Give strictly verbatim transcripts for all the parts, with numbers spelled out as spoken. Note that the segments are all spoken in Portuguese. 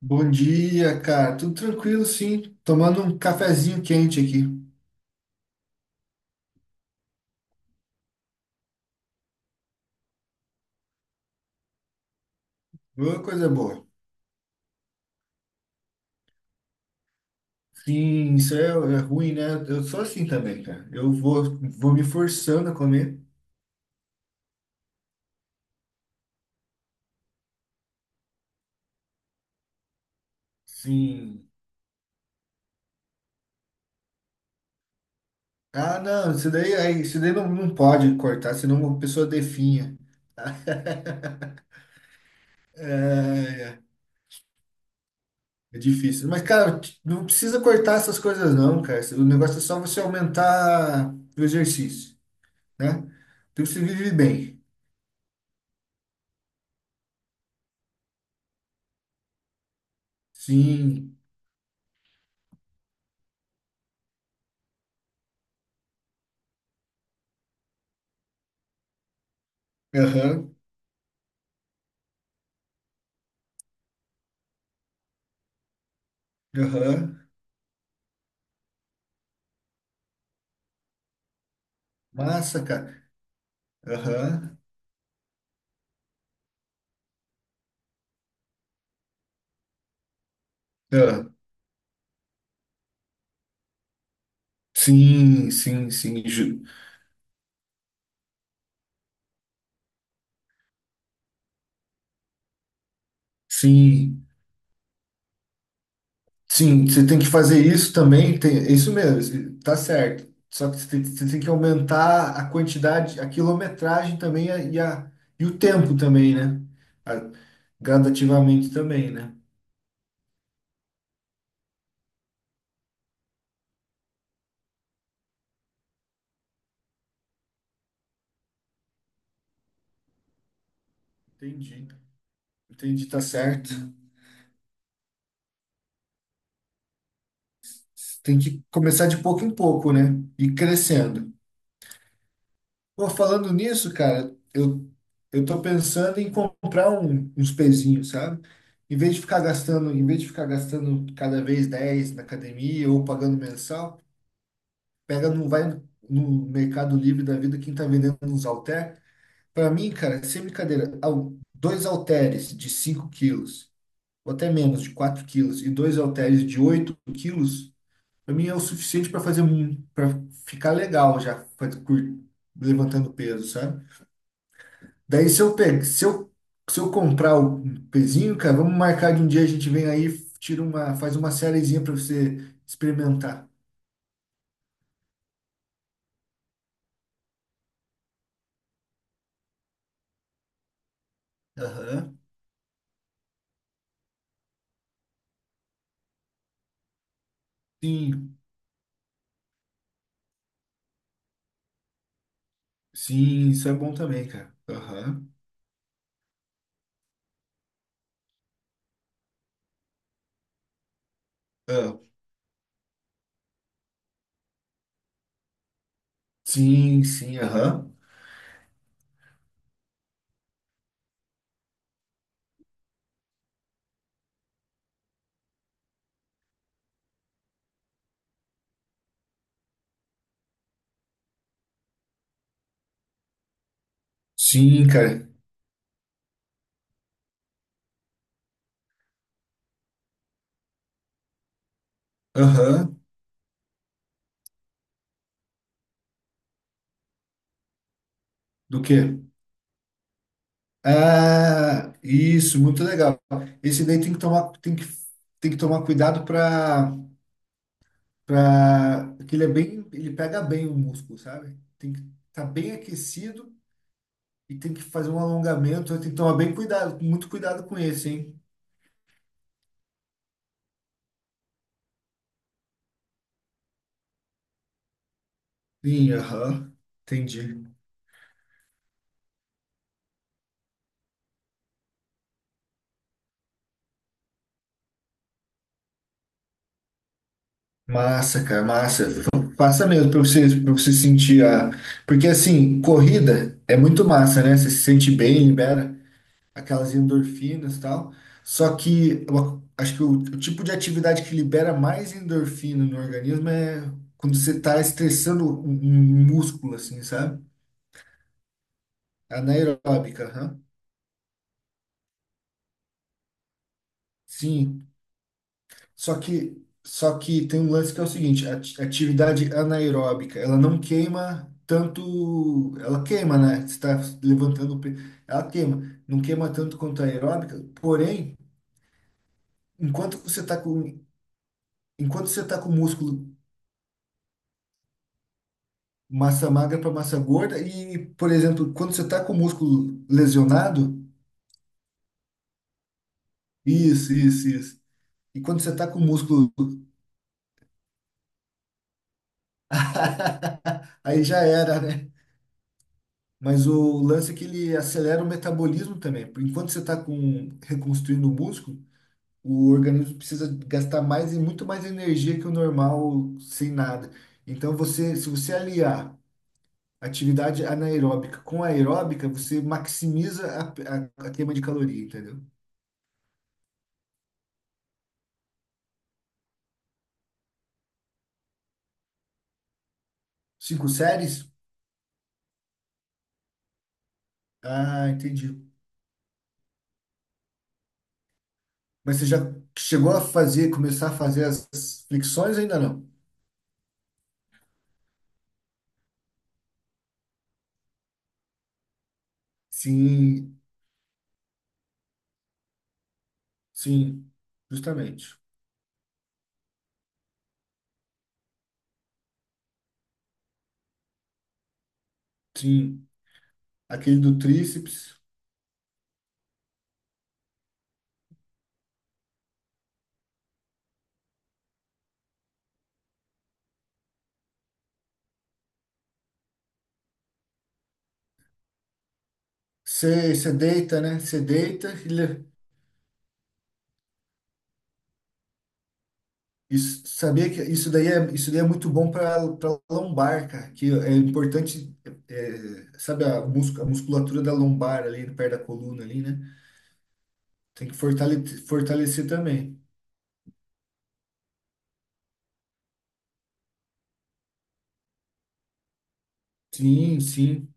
Bom dia, cara. Tudo tranquilo, sim. Tomando um cafezinho quente aqui. Ô, coisa boa. Sim, isso é, é ruim, né? Eu sou assim também, cara. Eu vou, vou me forçando a comer. Sim. Ah, não, isso daí, aí, isso daí não, não pode cortar, senão uma pessoa definha. É, é difícil. Mas, cara, não precisa cortar essas coisas, não, cara. O negócio é só você aumentar o exercício, né? Então você vive bem. Sim. Aham. Aham. Massa, cara. Aham. Ah, sim, sim, sim. ju- Sim, sim. Você tem que fazer isso também. Tem, é isso mesmo. isso- Tá certo. Só que você tem, você tem que aumentar a quantidade, a quilometragem também a- e, a, e o tempo também, né? A- gradativamente também, né? Entendi. Entendi, tá certo. Tem que começar de pouco em pouco, né? E crescendo. Pô, falando nisso, cara, eu, eu tô pensando em comprar um- uns pezinhos, sabe? Em vez de ficar gastando, em vez de ficar gastando cada vez dez na academia ou pagando mensal, pega não vai no, no Mercado Livre da vida quem tá vendendo uns halter. Pra mim, cara, é sem brincadeira, al- dois halteres de cinco quilos, ou até menos, de quatro quilos, e dois halteres de oito quilos, pra mim é o suficiente pra fazer, para ficar legal já, faz- cur- levantando peso, sabe? Daí se eu pegar, se eu, se eu comprar o pezinho, cara, vamos marcar de um dia a gente vem aí, tira uma, faz uma sériezinha para você experimentar. Aham. Sim, sim, isso é bom também, cara. Aham. Ah, sim, sim, aham. Sim, cara. Aham. Do quê? Ah, isso, muito legal. Esse daí tem que tomar, tem que, tem que tomar cuidado para para que ele é bem, ele pega bem o músculo, sabe? Tem que estar bem aquecido. E tem que fazer um alongamento, tem que tomar bem cuidado, muito cuidado com esse, hein? Sim, aham. Entendi. Massa, cara, massa. Então, passa mesmo pra você, pra você sentir a. Porque assim, corrida é muito massa, né? Você se sente bem, libera aquelas endorfinas e tal. Só que eu acho que o, o tipo de atividade que libera mais endorfina no organismo é quando você tá estressando um, um músculo, assim, sabe? Anaeróbica, aham. Sim. Só que, só que tem um lance que é o seguinte, a ati- atividade anaeróbica, ela não queima tanto, ela queima, né? Você está levantando, o pe- ela queima, não queima tanto quanto a aeróbica, porém, enquanto você está com, enquanto você tá com músculo massa magra para massa gorda e, por exemplo, quando você está com o músculo lesionado, isso, isso, isso. E quando você está com o músculo, aí já era, né? Mas o lance é que ele acelera o metabolismo também. Enquanto você está com reconstruindo o músculo, o organismo precisa gastar mais e muito mais energia que o normal sem nada. Então você, se você aliar atividade anaeróbica com aeróbica, você maximiza a, a, a queima de caloria, entendeu? Cinco séries? Ah, entendi. Mas você já chegou a fazer, começar a fazer as flexões ainda não? Sim, sim, justamente. Sim, aquele do tríceps. Você você deita, né? Você deita. e le- Isso, sabia que isso daí é, isso daí é muito bom para para lombar, cara. Que é importante, é, sabe a, muscu- a musculatura da lombar ali, perto da coluna ali, né? Tem que fortalecer, fortalecer também. Sim, sim,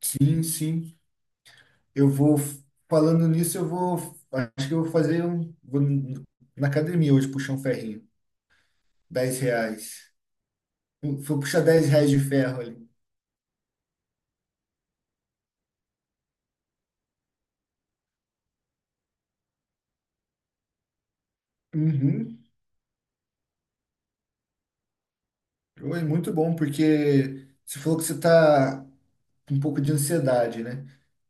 sim, sim. Eu vou, falando nisso, eu vou, acho que eu vou fazer um, vou na academia hoje puxar um ferrinho. Dez reais. Vou puxar dez reais de ferro ali. Uhum. Oi, muito bom, porque você falou que você está com um pouco de ansiedade, né?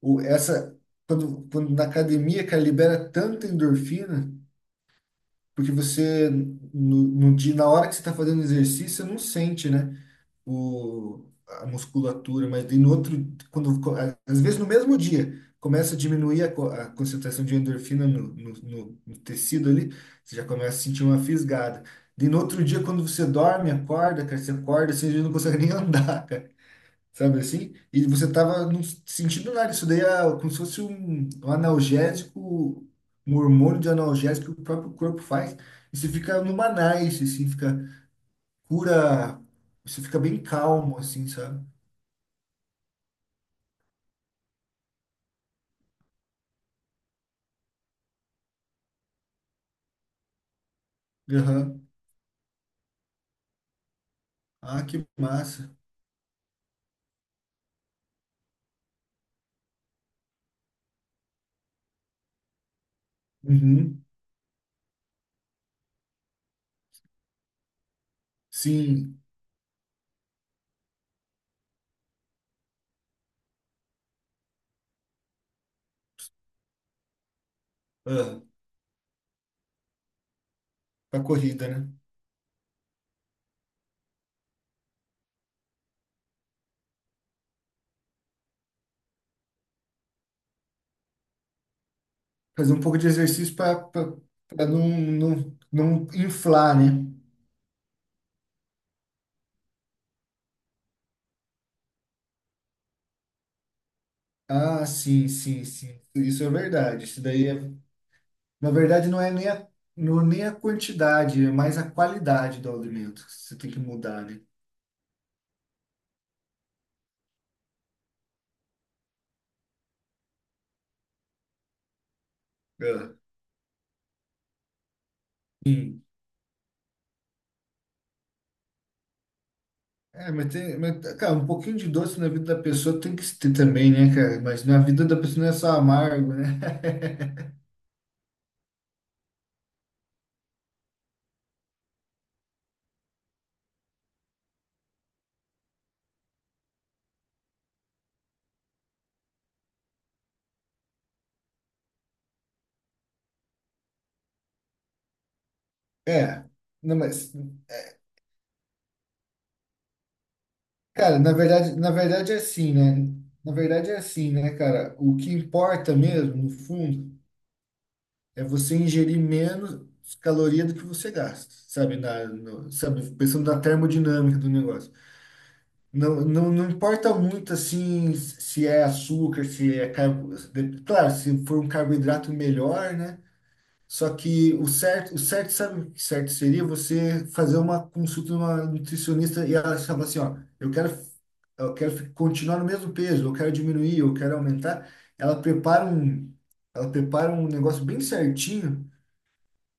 O, essa, quando, quando na academia, cara, libera tanta endorfina, porque você, no, no dia, na hora que você está fazendo exercício, você não sente, né? o, a musculatura, mas daí no outro, quando, às vezes no mesmo dia, começa a diminuir a, co- a concentração de endorfina no, no, no- no tecido ali, você já começa a sentir uma fisgada. Daí no outro dia, quando você dorme, acorda, cara, você acorda, assim, você não consegue nem andar, cara. Sabe assim? E você tava não sentindo nada. Isso daí é como se fosse um, um analgésico, um hormônio de analgésico que o próprio corpo faz. E você fica numa nice, assim, fica cura, você fica bem calmo, assim, sabe? Aham. Ah, que massa. Uhum. Sim, ah, pra corrida, né? Fazer um pouco de exercício para não, não, não inflar, né? Ah, sim, sim, sim. Isso é verdade. Isso daí é, na verdade, não é nem a, não, é nem a quantidade, é mais a qualidade do alimento. Você tem que mudar, né? Ah, sim. É, mas tem, mas, cara, um pouquinho de doce na vida da pessoa tem que ter também, né, cara? Mas na vida da pessoa não é só amargo, né? É, não, mas, cara, na verdade, na verdade é assim, né? Na verdade é assim, né, cara? O que importa mesmo, no fundo, é você ingerir menos caloria do que você gasta, sabe? Na, no- Sabe? Pensando na termodinâmica do negócio. Não, não, não importa muito, assim, se é açúcar, se é carbo... de- claro, se for um carboidrato melhor, né? Só que o certo, o certo, sabe o que certo seria você fazer uma consulta numa nutricionista e ela falar assim, ó, eu quero, eu quero fi- continuar no mesmo peso, eu quero diminuir, eu quero aumentar. Ela prepara um, ela prepara um negócio bem certinho,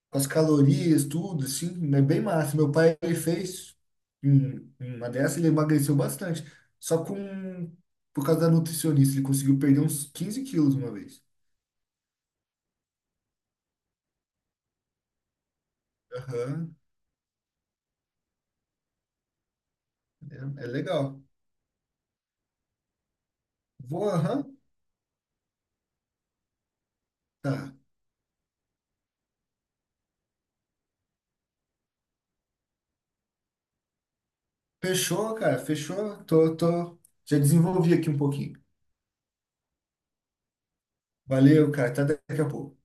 com as calorias, tudo, assim, é bem massa. Meu pai, ele fez um- uma dessa, ele emagreceu bastante, só com, por causa da nutricionista, ele conseguiu perder uns quinze quilos uma vez. Aham, é, é legal. Vou, aham, tá. Fechou, cara, fechou. Tô, tô. Já desenvolvi aqui um pouquinho. Valeu, cara. Até daqui a pouco.